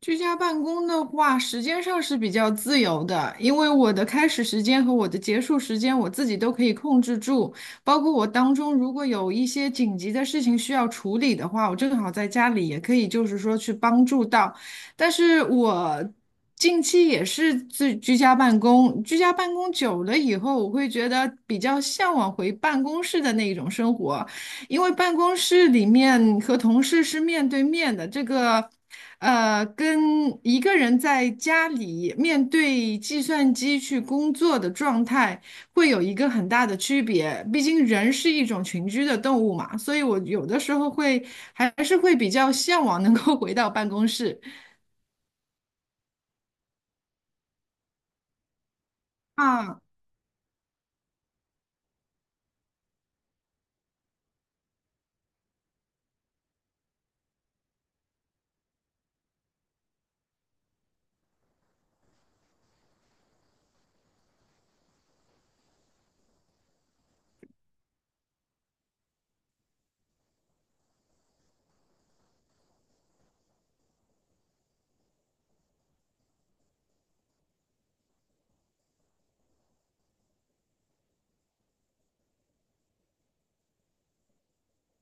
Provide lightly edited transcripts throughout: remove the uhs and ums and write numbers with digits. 居家办公的话，时间上是比较自由的，因为我的开始时间和我的结束时间我自己都可以控制住，包括我当中如果有一些紧急的事情需要处理的话，我正好在家里也可以就是说去帮助到。但是我近期也是自居家办公，居家办公久了以后，我会觉得比较向往回办公室的那一种生活。因为办公室里面和同事是面对面的，这个，跟一个人在家里面对计算机去工作的状态会有一个很大的区别。毕竟人是一种群居的动物嘛，所以我有的时候还是会比较向往能够回到办公室。啊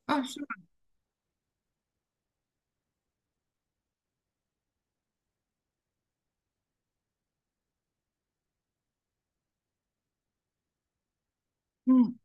啊，是吗？嗯。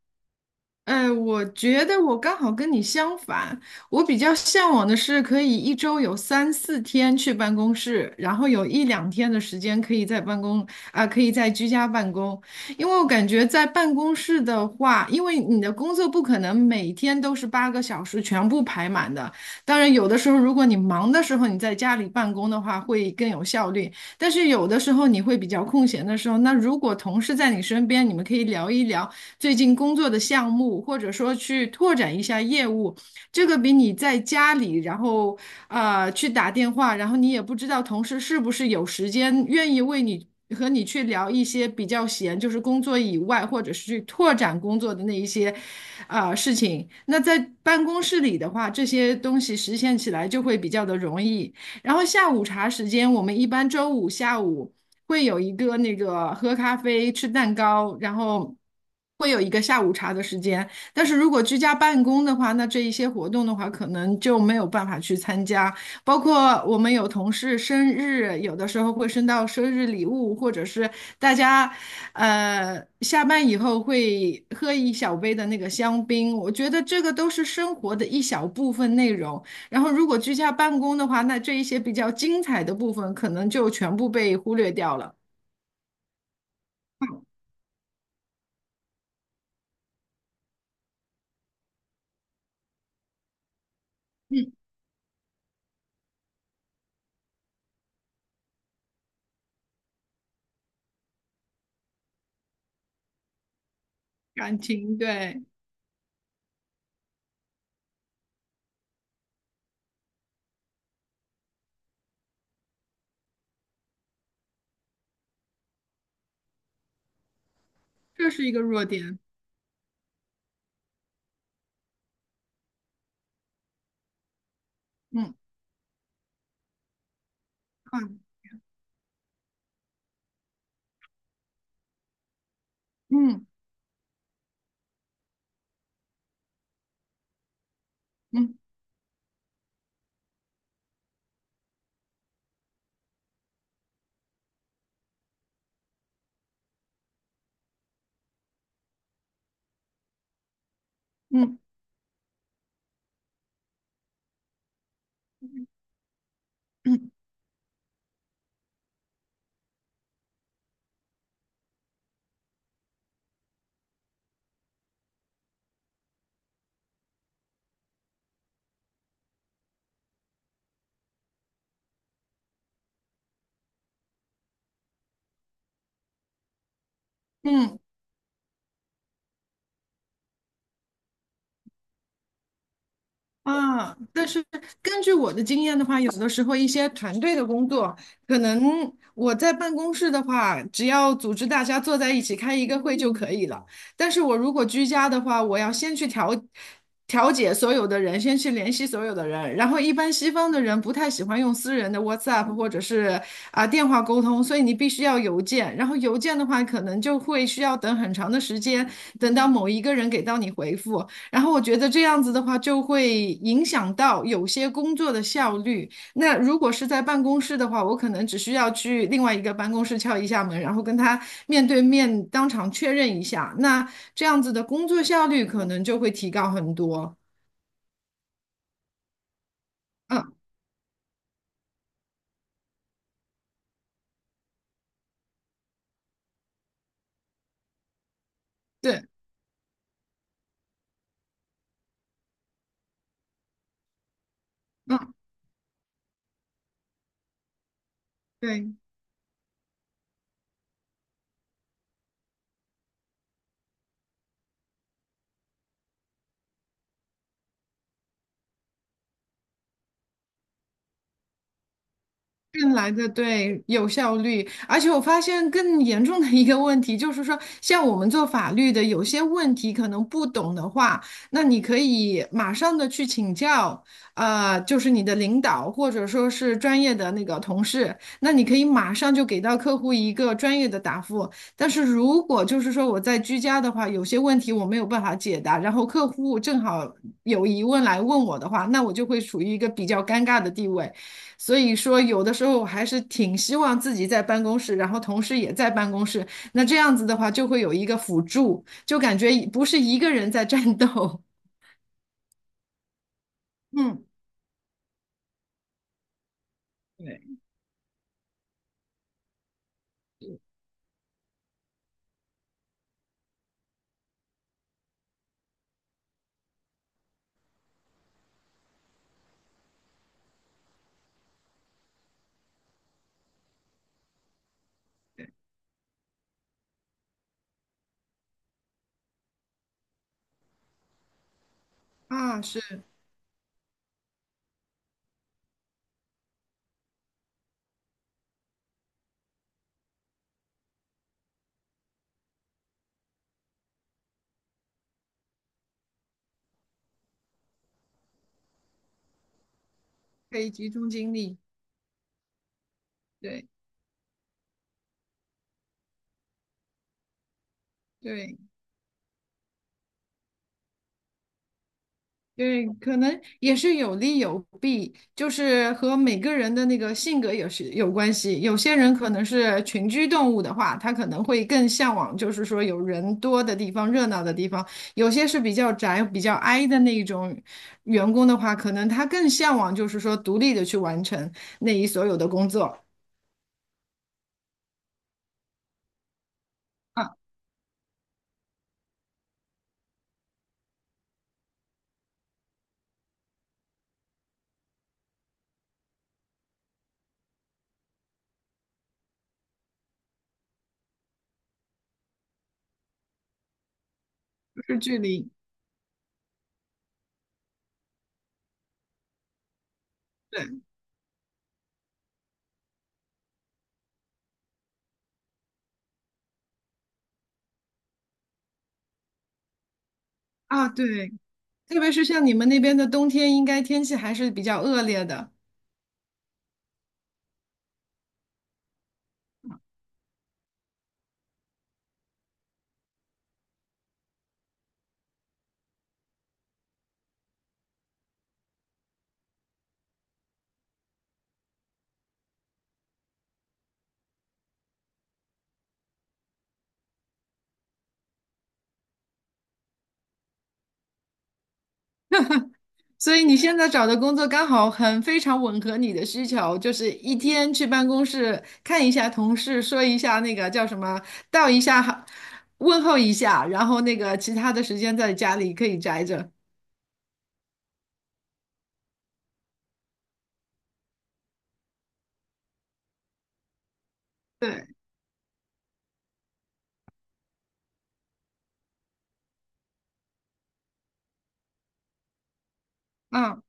我觉得我刚好跟你相反，我比较向往的是可以一周有三四天去办公室，然后有一两天的时间可以在居家办公。因为我感觉在办公室的话，因为你的工作不可能每天都是8个小时全部排满的。当然，有的时候如果你忙的时候你在家里办公的话，会更有效率。但是有的时候你会比较空闲的时候，那如果同事在你身边，你们可以聊一聊。最近工作的项目，或者说去拓展一下业务，这个比你在家里，然后去打电话，然后你也不知道同事是不是有时间愿意为你和你去聊一些比较闲，就是工作以外，或者是去拓展工作的那一些事情。那在办公室里的话，这些东西实现起来就会比较的容易。然后下午茶时间，我们一般周五下午会有一个喝咖啡、吃蛋糕，然后会有一个下午茶的时间。但是如果居家办公的话，那这一些活动的话，可能就没有办法去参加。包括我们有同事生日，有的时候会升到生日礼物，或者是大家下班以后会喝一小杯的那个香槟。我觉得这个都是生活的一小部分内容。然后，如果居家办公的话，那这一些比较精彩的部分可能就全部被忽略掉了。嗯，感情，对，这是一个弱点。嗯啊，嗯嗯嗯嗯嗯。啊，但是根据我的经验的话，有的时候一些团队的工作，可能我在办公室的话，只要组织大家坐在一起开一个会就可以了。但是我如果居家的话，我要先去调解所有的人，先去联系所有的人。然后一般西方的人不太喜欢用私人的 WhatsApp 或者是电话沟通，所以你必须要邮件。然后邮件的话，可能就会需要等很长的时间，等到某一个人给到你回复。然后我觉得这样子的话，就会影响到有些工作的效率。那如果是在办公室的话，我可能只需要去另外一个办公室敲一下门，然后跟他面对面当场确认一下，那这样子的工作效率可能就会提高很多。嗯，对，嗯，对。更来的对有效率，而且我发现更严重的一个问题就是说，像我们做法律的，有些问题可能不懂的话，那你可以马上的去请教，就是你的领导或者说是专业的那个同事，那你可以马上就给到客户一个专业的答复。但是如果就是说我在居家的话，有些问题我没有办法解答，然后客户正好有疑问来问我的话，那我就会处于一个比较尴尬的地位。所以说，有的时候我还是挺希望自己在办公室，然后同事也在办公室。那这样子的话，就会有一个辅助，就感觉不是一个人在战斗。嗯，对，啊，是可以集中精力。对对。对，可能也是有利有弊，就是和每个人的那个性格也是有关系。有些人可能是群居动物的话，他可能会更向往，就是说有人多的地方、热闹的地方；有些是比较宅、比较 i 的那一种员工的话，可能他更向往就是说独立的去完成那一所有的工作。啊，不是距离。对啊，对，特别是像你们那边的冬天，应该天气还是比较恶劣的。所以你现在找的工作刚好很非常吻合你的需求，就是一天去办公室看一下同事，说一下那个叫什么，道一下好，问候一下，然后其他的时间在家里可以宅着。对，嗯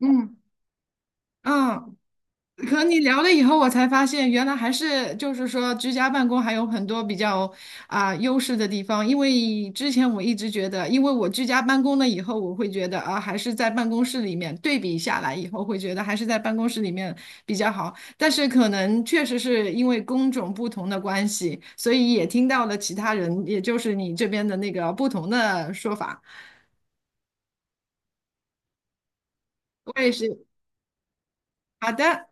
嗯嗯。和你聊了以后，我才发现原来还是就是说居家办公还有很多比较优势的地方。因为之前我一直觉得，因为我居家办公了以后，我会觉得啊，还是在办公室里面对比下来以后，会觉得还是在办公室里面比较好。但是可能确实是因为工种不同的关系，所以也听到了其他人，也就是你这边的那个不同的说法。我也是，好的。